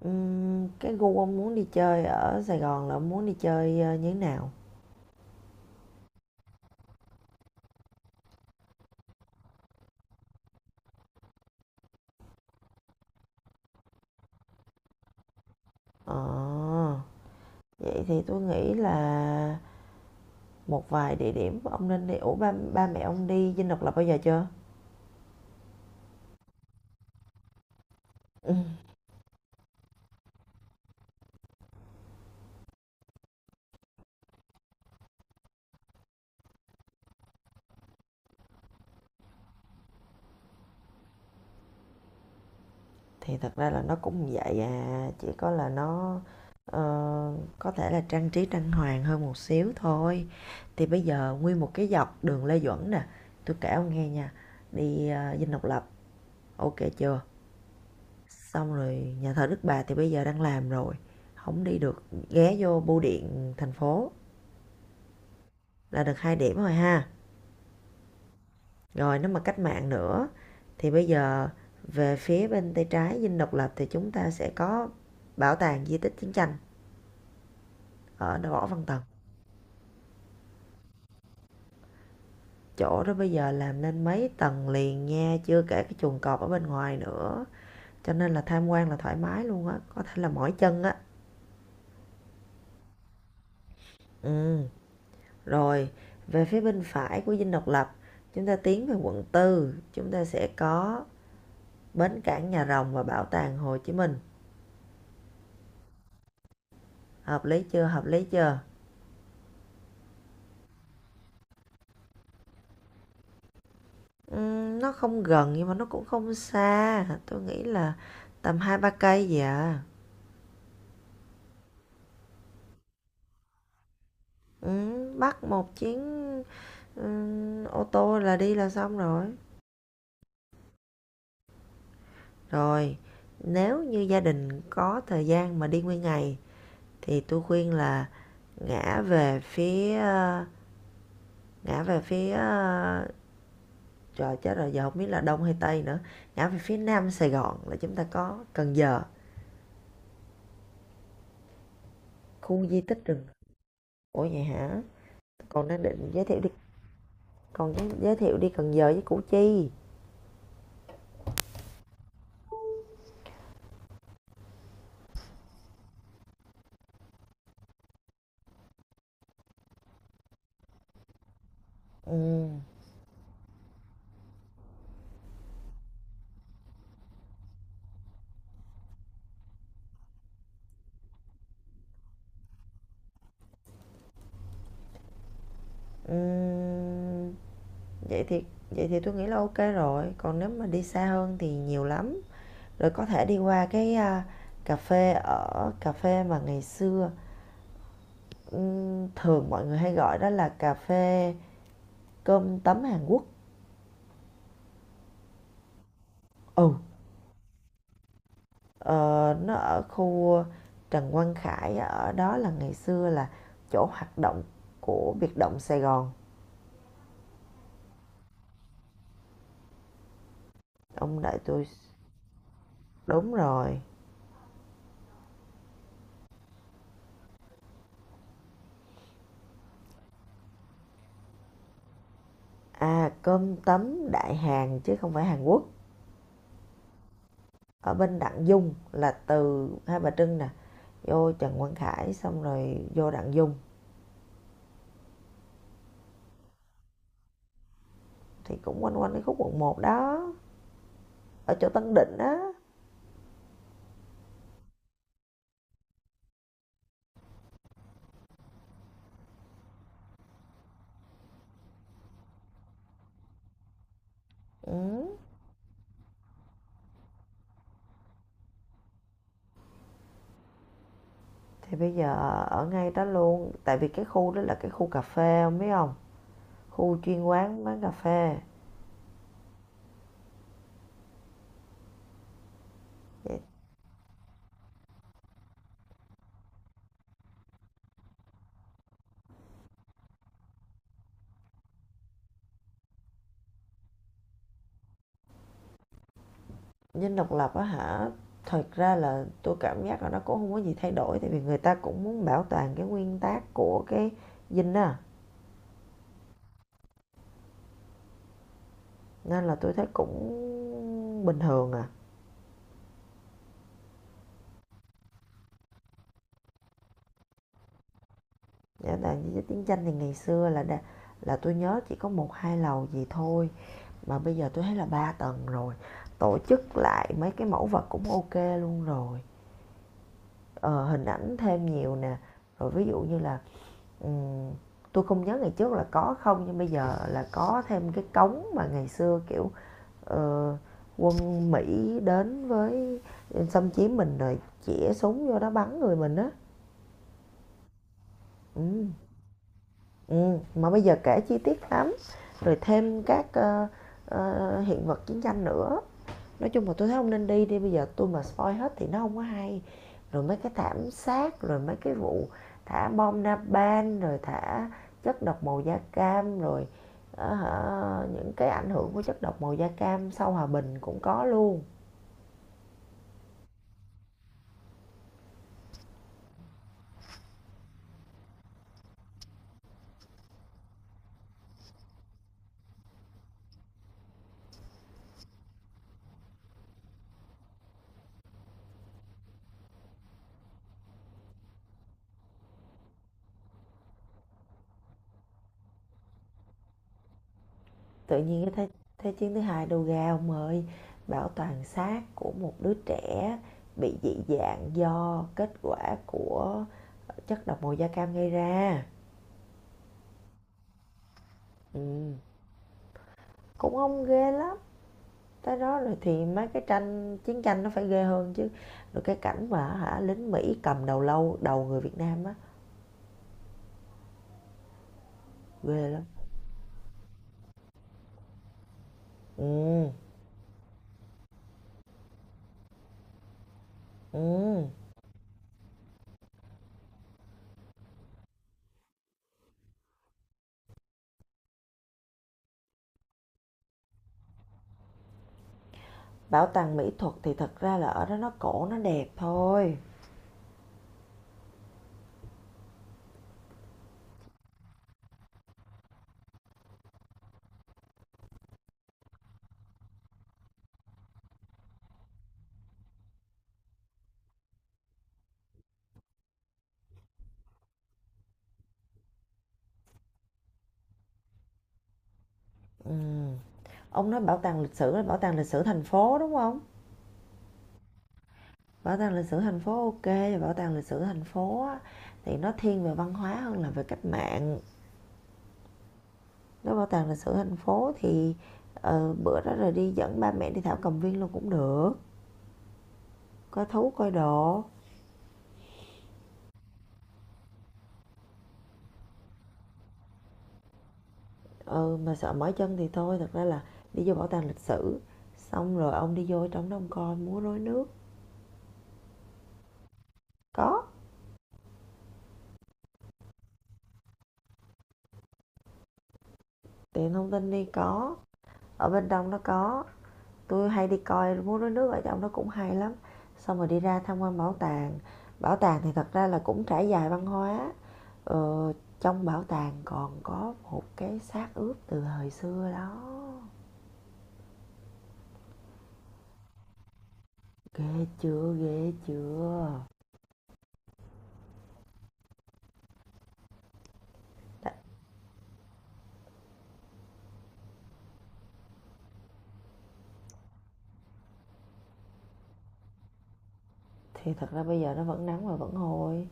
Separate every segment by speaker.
Speaker 1: Cái gu ông muốn đi chơi ở Sài Gòn là ông muốn đi chơi như thế nào? Ờ, vậy thì tôi nghĩ là một vài địa điểm ông nên đi. Ủa ba mẹ ông đi Dinh Độc Lập bao giờ chưa? Ừ, thì thật ra là nó cũng vậy à, chỉ có là nó ờ, có thể là trang trí trang hoàng hơn một xíu thôi. Thì bây giờ nguyên một cái dọc đường Lê Duẩn nè, tôi kể ông nghe nha, đi Dinh Độc Lập, ok chưa? Xong rồi, nhà thờ Đức Bà thì bây giờ đang làm rồi, không đi được. Ghé vô bưu điện thành phố là được 2 điểm rồi ha. Rồi nếu mà cách mạng nữa thì bây giờ về phía bên tay trái Dinh Độc Lập thì chúng ta sẽ có bảo tàng di tích chiến tranh ở Võ Văn Tần. Chỗ đó bây giờ làm lên mấy tầng liền nha, chưa kể cái chuồng cọp ở bên ngoài nữa, cho nên là tham quan là thoải mái luôn á, có thể là mỏi chân á. Ừ. Rồi, về phía bên phải của Dinh Độc Lập, chúng ta tiến về quận tư, chúng ta sẽ có bến cảng Nhà Rồng và bảo tàng Hồ Chí Minh. Hợp lý chưa? Hợp lý chưa? Nó không gần nhưng mà nó cũng không xa. Tôi nghĩ là tầm 2-3 cây vậy à. Bắt một chuyến ô tô là đi là xong rồi. Rồi, nếu như gia đình có thời gian mà đi nguyên ngày thì tôi khuyên là ngã về phía ờ, ngã về phía ờ, trời, chết rồi giờ không biết là đông hay tây nữa. Ngã về phía nam Sài Gòn là chúng ta có Cần Giờ, khu di tích rừng. Ủa vậy hả? Còn đang định giới thiệu đi. Còn giới thiệu đi Cần Giờ với Củ Chi. Ừ, ừ, vậy thì vậy thì tôi nghĩ là ok rồi, còn nếu mà đi xa hơn thì nhiều lắm. Rồi có thể đi qua cái cà phê mà ngày xưa, thường mọi người hay gọi đó là cà phê cơm tấm Hàn Quốc. Ừ. Ờ, nó ở khu Trần Quang Khải, ở đó là ngày xưa là chỗ hoạt động của biệt động Sài Gòn. Ông đợi tôi. Đúng rồi. À, cơm tấm đại Hàn chứ không phải Hàn Quốc. Ở bên Đặng Dung là từ Hai Bà Trưng nè, vô Trần Quang Khải xong rồi vô Đặng Dung thì cũng quanh quanh cái khúc quận một đó, ở chỗ Tân Định á. Ừ. Thì bây giờ ở ngay đó luôn, tại vì cái khu đó là cái khu cà phê, ông biết không? Khu chuyên quán bán cà phê. Dinh Độc Lập á hả? Thật ra là tôi cảm giác là nó cũng không có gì thay đổi, tại vì người ta cũng muốn bảo toàn cái nguyên tắc của cái Dinh á, nên là tôi thấy cũng bình thường à. Dạ, tại vì chiến tranh thì ngày xưa là là tôi nhớ chỉ có 1-2 lầu gì thôi, mà bây giờ tôi thấy là 3 tầng rồi, tổ chức lại mấy cái mẫu vật cũng ok luôn rồi. Ờ, hình ảnh thêm nhiều nè, rồi ví dụ như là ừ, tôi không nhớ ngày trước là có không, nhưng bây giờ là có thêm cái cống mà ngày xưa kiểu ờ, quân Mỹ đến với xâm chiếm mình rồi chĩa súng vô đó bắn người mình á. Ừ. Ừ. Mà bây giờ kể chi tiết lắm, rồi thêm các hiện vật chiến tranh nữa. Nói chung là tôi thấy ông nên đi đi, bây giờ tôi mà spoil hết thì nó không có hay. Rồi mấy cái thảm sát, rồi mấy cái vụ thả bom napalm, rồi thả chất độc màu da cam, rồi ờ, những cái ảnh hưởng của chất độc màu da cam sau hòa bình cũng có luôn. Tự nhiên cái thế chiến thứ hai đồ ga ông ơi, bảo toàn xác của một đứa trẻ bị dị dạng do kết quả của chất độc màu da cam gây ra. Ừ. Cũng không ghê lắm. Tới đó rồi thì mấy cái tranh chiến tranh nó phải ghê hơn chứ. Rồi cái cảnh mà hả lính Mỹ cầm đầu lâu, đầu người Việt Nam á, ghê lắm. Ừm. Ừm. Bảo tàng mỹ thuật thì thật ra là ở đó nó cổ nó đẹp thôi. Ừm. Ông nói bảo tàng lịch sử là bảo tàng lịch sử thành phố, đúng không? Bảo tàng lịch sử thành phố, ok. Bảo tàng lịch sử thành phố á thì nó thiên về văn hóa hơn là về cách mạng. Nếu bảo tàng lịch sử thành phố thì, bữa đó rồi đi dẫn ba mẹ đi thảo cầm viên luôn cũng được, coi thú coi đồ. Ừ, mà sợ mỏi chân thì thôi, thật ra là đi vô bảo tàng lịch sử xong rồi ông đi vô trong đó ông coi múa rối nước. Có tiện thông tin đi, có ở bên trong nó có, tôi hay đi coi múa rối nước ở trong đó cũng hay lắm. Xong rồi đi ra tham quan bảo tàng. Bảo tàng thì thật ra là cũng trải dài văn hóa, ờ, trong bảo tàng còn có một cái xác ướp từ thời xưa đó. Ghê chưa? Ghê chưa? Thì thật ra bây giờ nó vẫn nắng và vẫn hôi.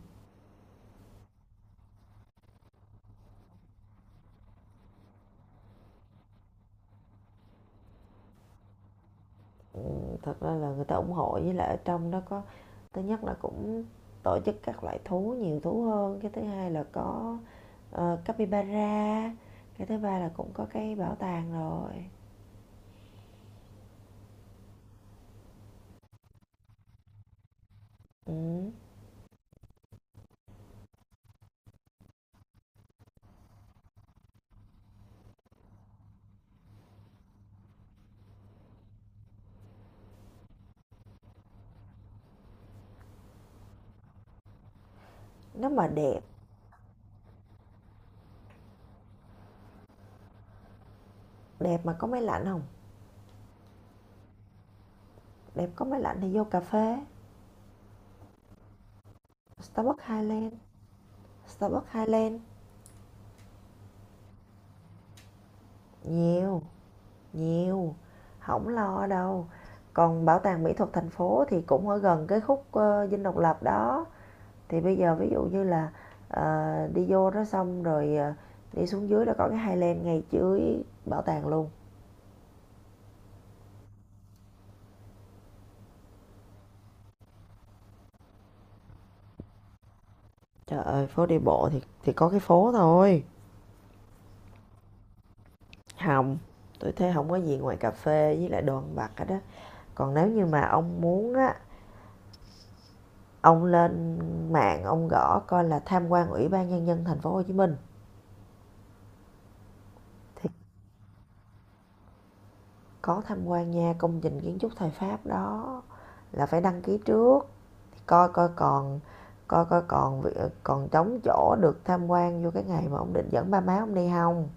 Speaker 1: Ừ, thật ra là người ta ủng hộ, với lại ở trong đó có: thứ nhất là cũng tổ chức các loại thú, nhiều thú hơn; cái thứ hai là có, capybara; cái thứ ba là cũng có cái bảo tàng rồi. Ừm, nếu mà đẹp, đẹp mà có máy lạnh không? Đẹp có máy lạnh thì vô cà phê, Starbucks, Highland, Starbucks, Highland, nhiều, nhiều, không lo đâu. Còn bảo tàng mỹ thuật thành phố thì cũng ở gần cái khúc, Dinh Độc Lập đó. Thì bây giờ ví dụ như là đi vô đó xong rồi, đi xuống dưới là có cái Highland ngay dưới bảo tàng luôn. Trời ơi phố đi bộ thì có cái phố thôi. Không, tôi thấy không có gì ngoài cà phê với lại đồ ăn vặt hết đó. Còn nếu như mà ông muốn á, ông lên mạng ông gõ coi là tham quan Ủy ban Nhân dân Thành phố Hồ Chí Minh, thì có tham quan nha, công trình kiến trúc thời Pháp đó, là phải đăng ký trước. coi coi còn Coi coi còn còn trống chỗ được tham quan vô cái ngày mà ông định dẫn ba má ông đi không.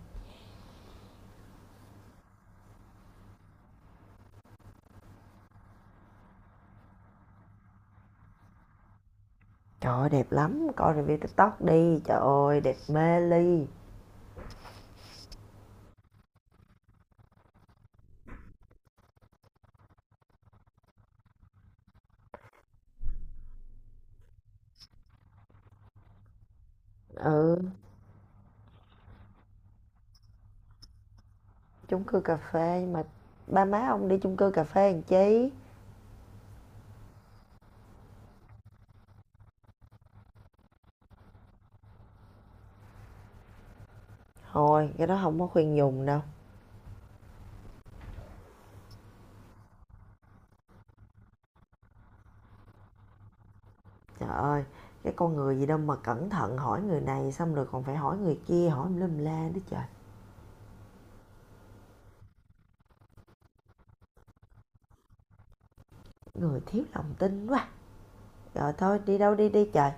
Speaker 1: Trời ơi đẹp lắm, coi review TikTok đi, trời ơi đẹp mê ly. Ừ, chung cư cà phê mà. Ba má ông đi chung cư cà phê làm chi, thôi cái đó không có khuyên dùng đâu. Trời ơi, cái con người gì đâu mà cẩn thận, hỏi người này xong rồi còn phải hỏi người kia, hỏi lum la nữa trời. Người thiếu lòng tin quá. Rồi thôi, đi đâu đi đi trời.